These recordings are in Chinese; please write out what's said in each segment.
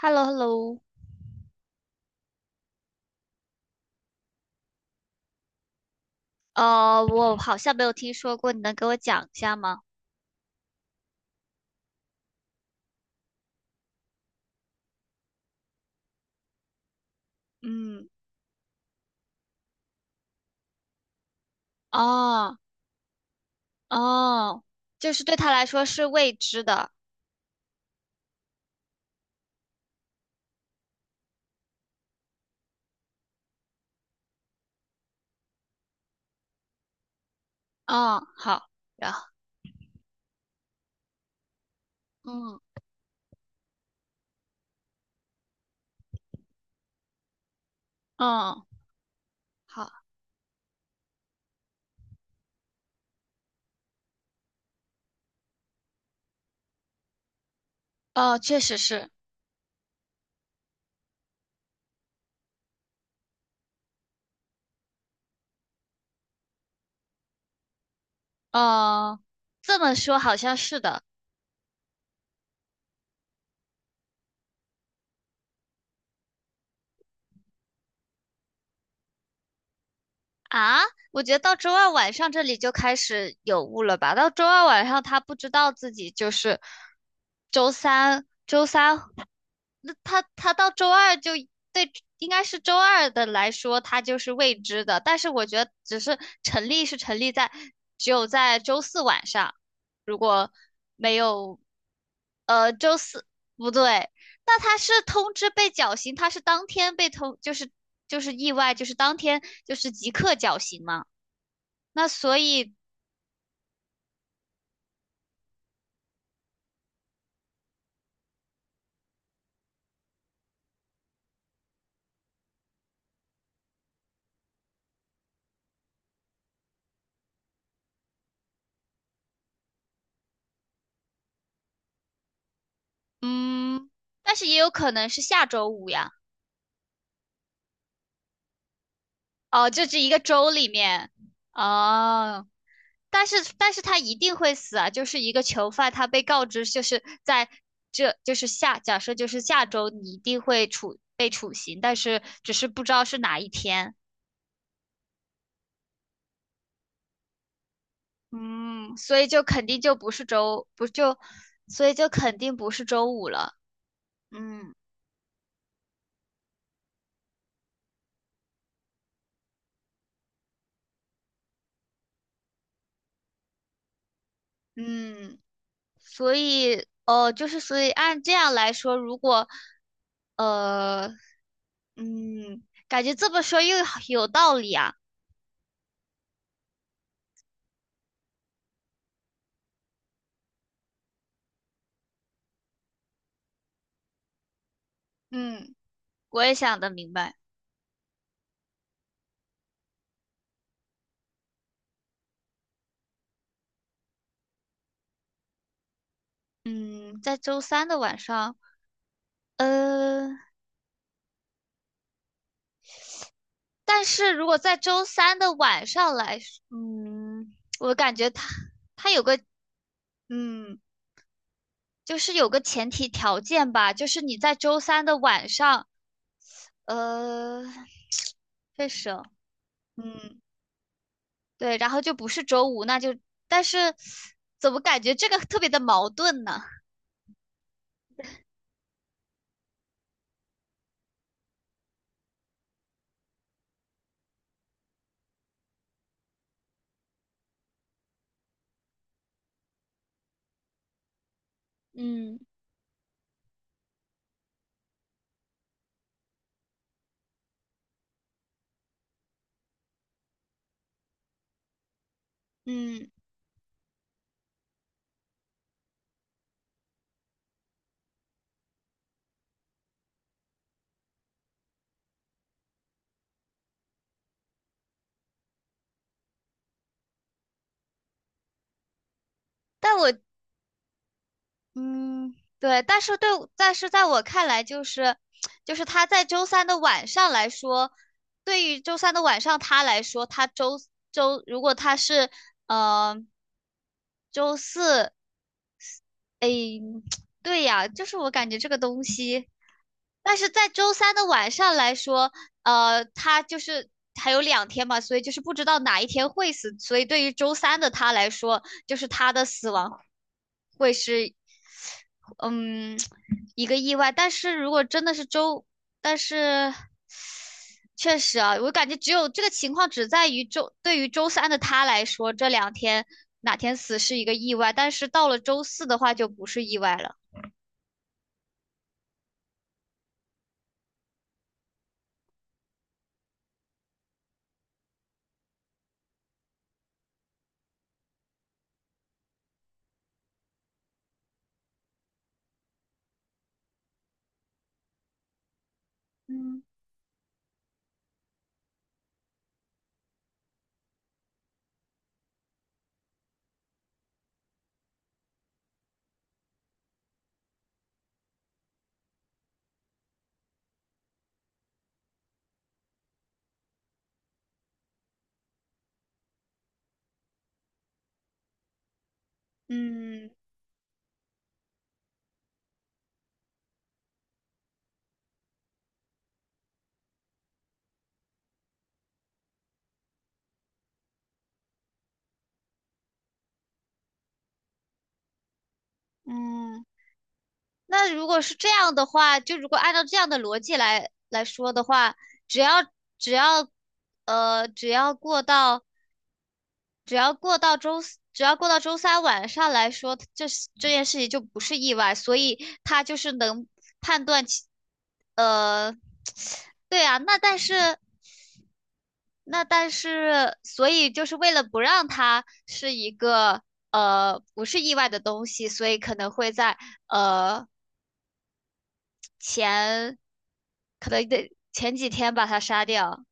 h e l l o h e l l o 我好像没有听说过，你能给我讲一下吗？嗯。哦，哦，就是对他来说是未知的。嗯，好。然后，嗯，嗯，好。哦，确实是。哦，这么说好像是的。啊，我觉得到周二晚上这里就开始有雾了吧？到周二晚上他不知道自己就是周三，周三他他到周二就对，应该是周二的来说，他就是未知的。但是我觉得，只是成立是成立在只有在周四晚上，如果没有，周四不对，那他是通知被绞刑，他是当天被通，就是就是意外，就是当天就是即刻绞刑嘛。那所以，嗯。但是也有可能是下周五呀。哦，就这是一个周里面。哦。但是他一定会死啊！就是一个囚犯，他被告知就是在这就是下假设就是下周你一定会处被处刑，但是只是不知道是哪一天。嗯，所以就肯定就不是周不就，所以就肯定不是周五了。嗯。嗯，所以哦，就是所以按这样来说，如果呃嗯，感觉这么说又有道理啊。嗯，我也想得明白。嗯，在周三的晚上，呃，但是如果在周三的晚上来说嗯，我感觉他有个，嗯，就是有个前提条件吧，就是你在周三的晚上，呃，这是，嗯，对，然后就不是周五，那就，但是怎么感觉这个特别的矛盾呢？嗯。嗯，但我。嗯，对，但是对，但是在我看来，就是，就是他在周三的晚上来说，对于周三的晚上他来说，他周周如果他是呃周四，哎，对呀，就是我感觉这个东西，但是在周三的晚上来说，他就是还有两天嘛，所以就是不知道哪一天会死，所以对于周三的他来说，就是他的死亡。会是嗯，一个意外。但是如果真的是周，但是确实啊，我感觉只有这个情况只在于周，对于周三的他来说，这两天哪天死是一个意外，但是到了周四的话就不是意外了。嗯。嗯。嗯，那如果是这样的话，就如果按照这样的逻辑来说的话，只要只要只要过到。只要过到周四，只要过到周三晚上来说，这这件事情就不是意外，所以他就是能判断其，呃，对啊，那但是，那但是，所以就是为了不让它是一个不是意外的东西，所以可能会在呃前，可能得前几天把它杀掉。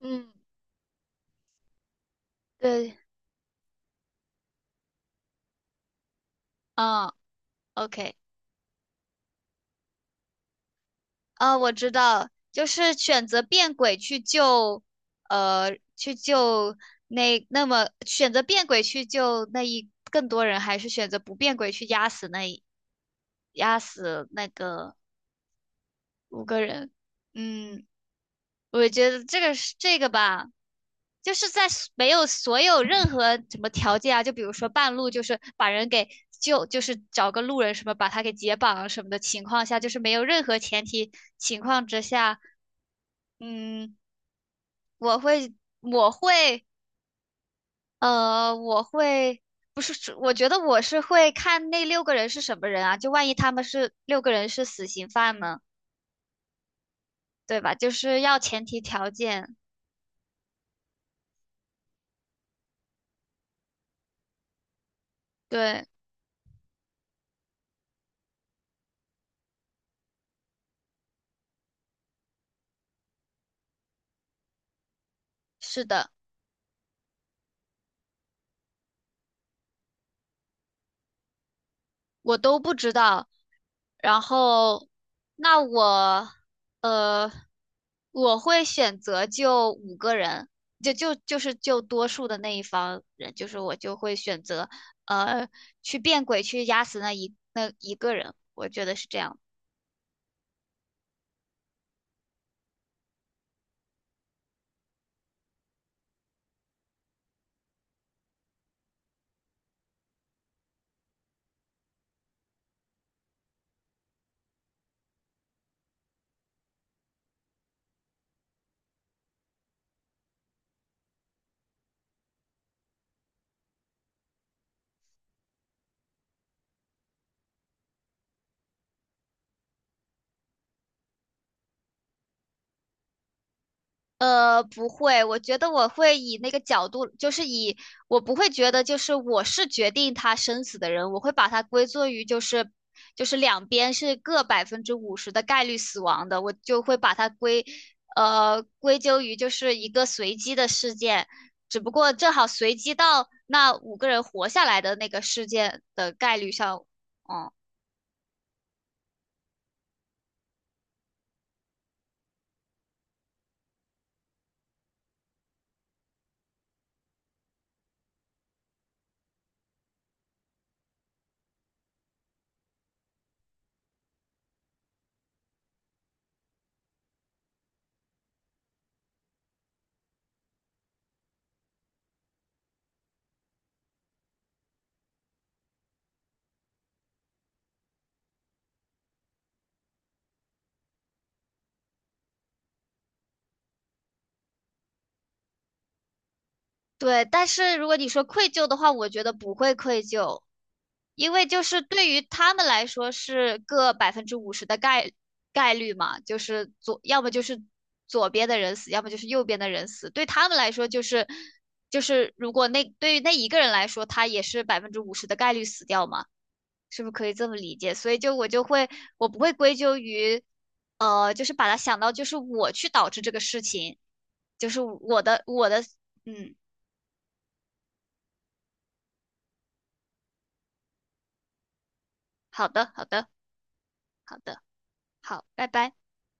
嗯，对，嗯，OK。啊，我知道，就是选择变轨去救，去救那那么选择变轨去救那一更多人，还是选择不变轨去压死那一压死那个五个人？嗯，我觉得这个是这个吧，就是在所没有所有任何什么条件啊，就比如说半路就是把人给救，就是找个路人什么把他给解绑啊什么的情况下，就是没有任何前提情况之下，嗯。我会，我会，我会，不是是我觉得我是会看那六个人是什么人啊，就万一他们是六个人是死刑犯呢，对吧？就是要前提条件，对，是的。我都不知道。然后，那我呃，我会选择就五个人，就是就多数的那一方人，就是我就会选择呃去变鬼去压死那一那一个人，我觉得是这样。不会，我觉得我会以那个角度，就是以我不会觉得就是我是决定他生死的人，我会把它归作于就是就是两边是各百分之五十的概率死亡的，我就会把它归归咎于就是一个随机的事件，只不过正好随机到那五个人活下来的那个事件的概率上，嗯。对，但是如果你说愧疚的话，我觉得不会愧疚，因为就是对于他们来说是个百分之五十的概概率嘛，就是左，要么就是左边的人死，要么就是右边的人死，对他们来说就是就是如果那对于那一个人来说，他也是百分之五十的概率死掉嘛，是不是可以这么理解？所以就我就会我不会归咎于，就是把它想到就是我去导致这个事情，就是我的我的嗯。好的，好的，好的，好，拜拜。